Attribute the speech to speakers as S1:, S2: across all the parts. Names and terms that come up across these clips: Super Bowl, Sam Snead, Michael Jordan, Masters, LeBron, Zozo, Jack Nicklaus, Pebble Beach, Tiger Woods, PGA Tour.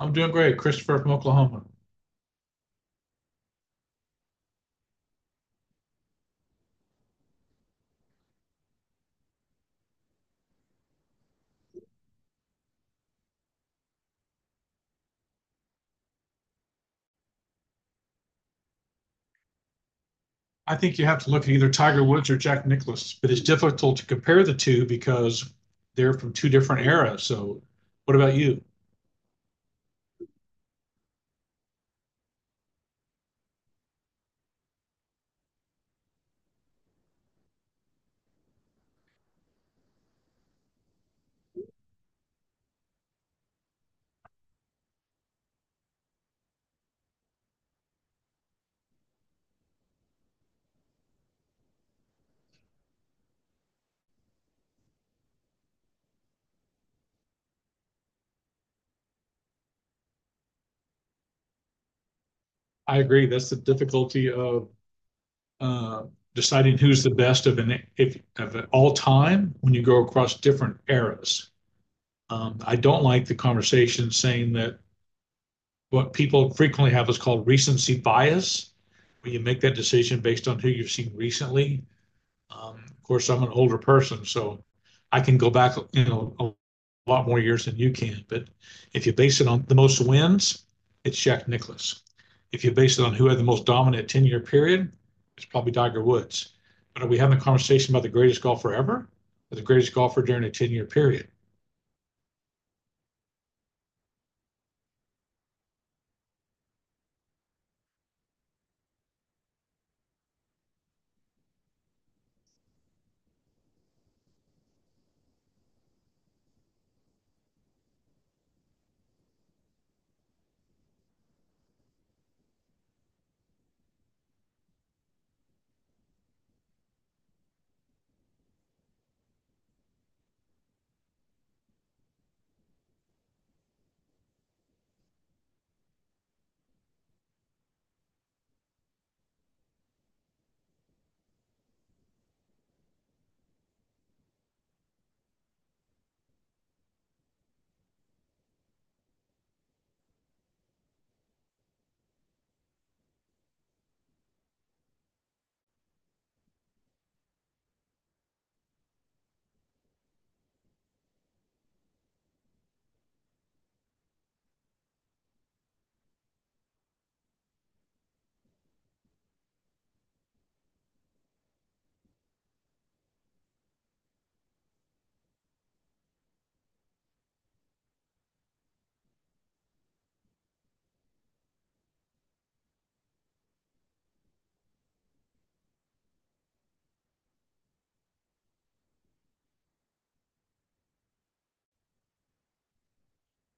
S1: I'm doing great, Christopher from Oklahoma. I think you have to look at either Tiger Woods or Jack Nicklaus, but it's difficult to compare the two because they're from two different eras. So, what about you? I agree. That's the difficulty of uh, deciding who's the best of an if of all time when you go across different eras. I don't like the conversation saying that what people frequently have is called recency bias, where you make that decision based on who you've seen recently. Of course, I'm an older person, so I can go back, you know, a lot more years than you can. But if you base it on the most wins, it's Jack Nicklaus. If you base it on who had the most dominant 10-year period, it's probably Tiger Woods. But are we having a conversation about the greatest golfer ever or the greatest golfer during a 10-year period?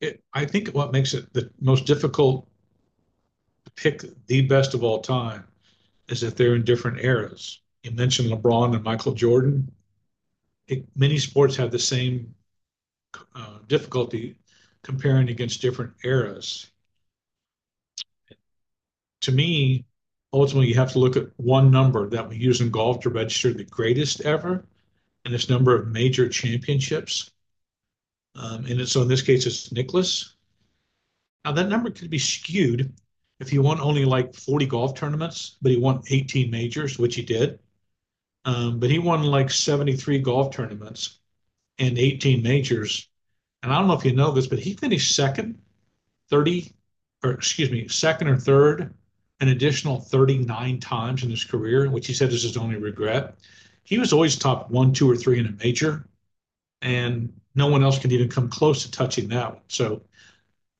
S1: I think what makes it the most difficult to pick the best of all time is that they're in different eras. You mentioned LeBron and Michael Jordan. Many sports have the same difficulty comparing against different eras. To me, ultimately, you have to look at one number that we use in golf to register the greatest ever, and it's number of major championships. And so in this case, it's Nicholas. Now, that number could be skewed if he won only like 40 golf tournaments, but he won 18 majors, which he did. But he won like 73 golf tournaments and 18 majors. And I don't know if you know this, but he finished second 30, or excuse me, second or third an additional 39 times in his career, which he said is his only regret. He was always top one, two, or three in a major, and no one else could even come close to touching that one. So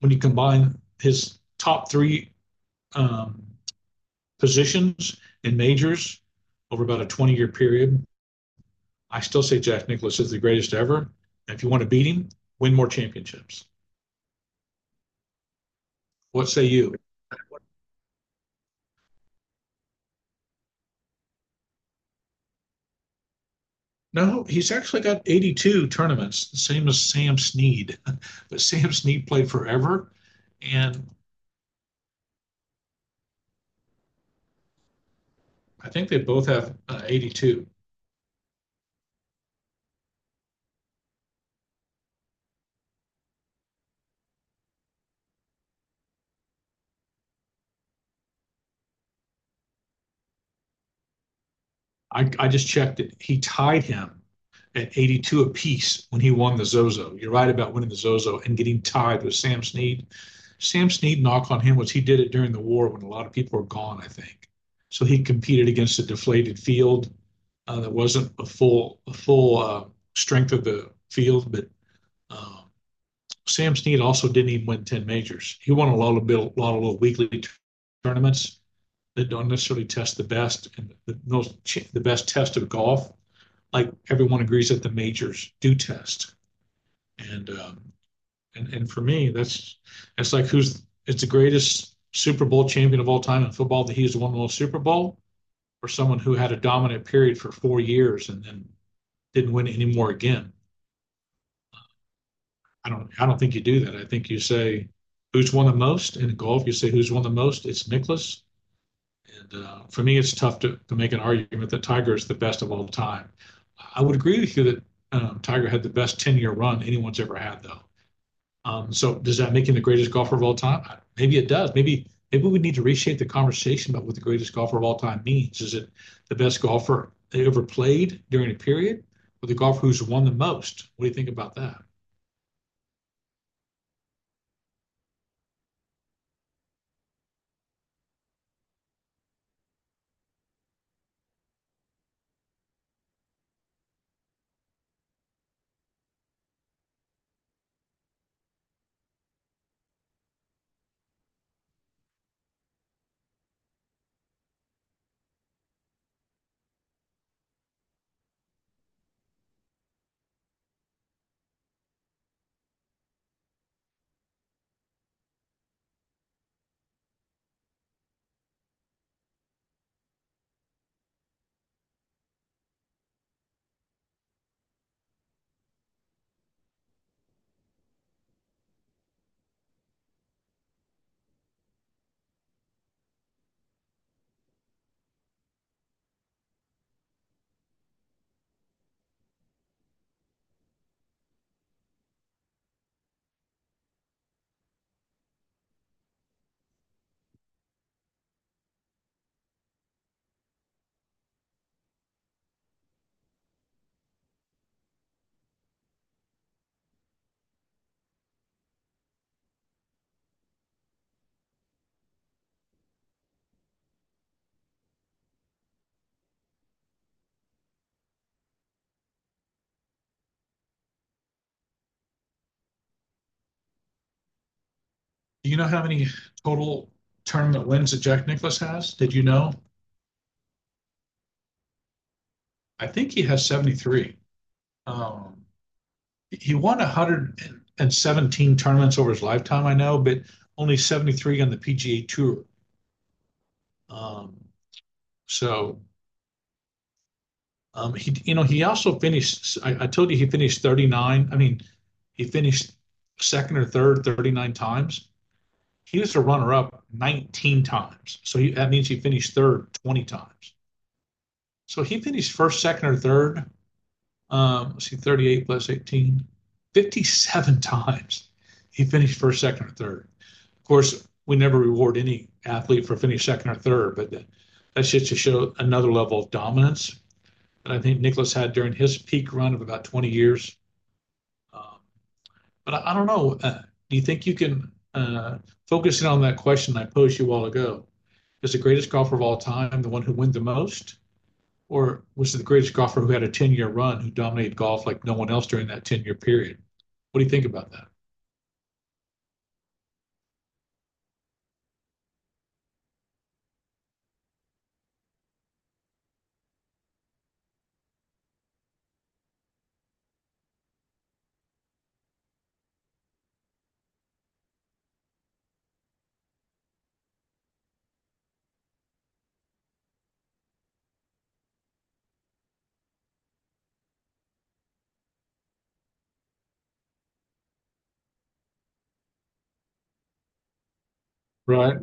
S1: when you combine his top three um, positions in majors over about a 20-year period, I still say Jack Nicklaus is the greatest ever. And if you want to beat him, win more championships. What say you? No, he's actually got 82 tournaments, the same as Sam Snead. But Sam Snead played forever, and I think they both have 82. I just checked it. He tied him at 82 apiece when he won the Zozo. You're right about winning the Zozo and getting tied with Sam Snead. Sam Snead knock on him was he did it during the war when a lot of people were gone, I think. So he competed against a deflated field that wasn't a full strength of the field, but um, Sam Snead also didn't even win 10 majors. He won a lot of little weekly tournaments that don't necessarily test the best and the most the best test of golf. Like everyone agrees that the majors do test, and um, and and for me, that's like who's it's the greatest Super Bowl champion of all time in football that he's won the most Super Bowl, or someone who had a dominant period for 4 years and then didn't win anymore again. I don't think you do that. I think you say, who's won the most? In golf, you say, who's won the most? It's Nicklaus. And for me, it's tough to make an argument that Tiger is the best of all time. I would agree with you that Tiger had the best 10-year run anyone's ever had, though. So does that make him the greatest golfer of all time? Maybe it does. Maybe we need to reshape the conversation about what the greatest golfer of all time means. Is it the best golfer they ever played during a period, or the golfer who's won the most? What do you think about that? Do you know how many total tournament wins that Jack Nicklaus has? Did you know? I think he has 73. Um, he won 117 tournaments over his lifetime, I know, but only 73 on the PGA Tour. Um, so he, you know, he also finished. I told you he finished 39. I mean, he finished second or third 39 times. He was a runner-up 19 times. So he, that means he finished third 20 times. So he finished first, second, or third. Let's see, 38 plus 18, 57 times he finished first, second, or third. Of course, we never reward any athlete for finishing second or third, but that's just to show another level of dominance that I think Nicholas had during his peak run of about 20 years. Um, but I don't know. Do you think you can focus on that question I posed you a while ago? Is the greatest golfer of all time the one who wins the most? Or was the greatest golfer who had a 10-year run who dominated golf like no one else during that 10-year period? What do you think about that? Right.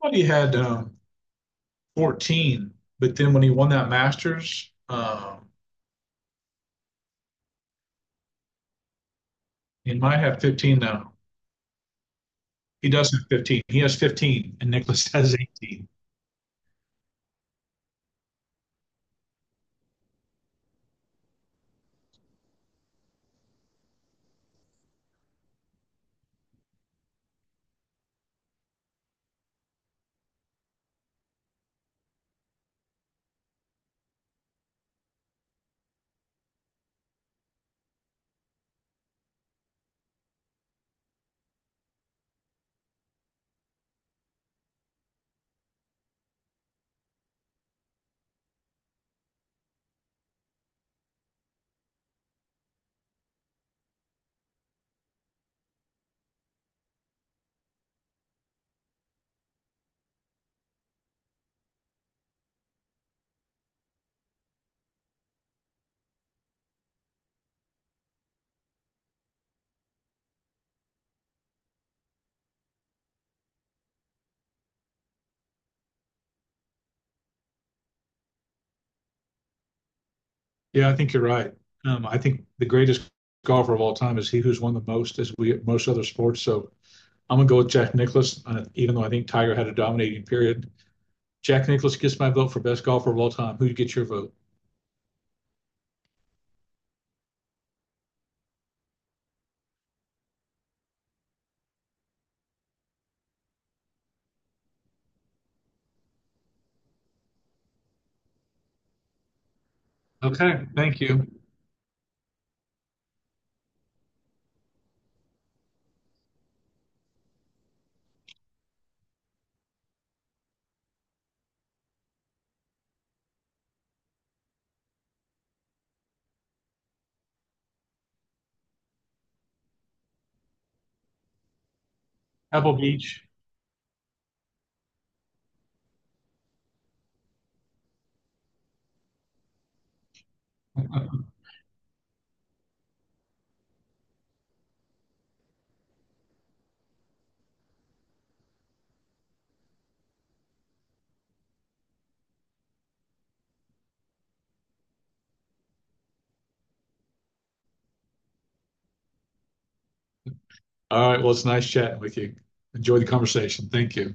S1: Well, he had 14, but then when he won that Masters, he might have 15 now. He does have 15. He has 15, and Nicholas has 18. Yeah, I think you're right. I think the greatest golfer of all time is he who's won the most, as we most other sports. So I'm gonna go with Jack Nicklaus, even though I think Tiger had a dominating period. Jack Nicklaus gets my vote for best golfer of all time. Who gets your vote? Okay, thank you. Pebble Beach. All right, well, it's nice chatting with you. Enjoy the conversation. Thank you.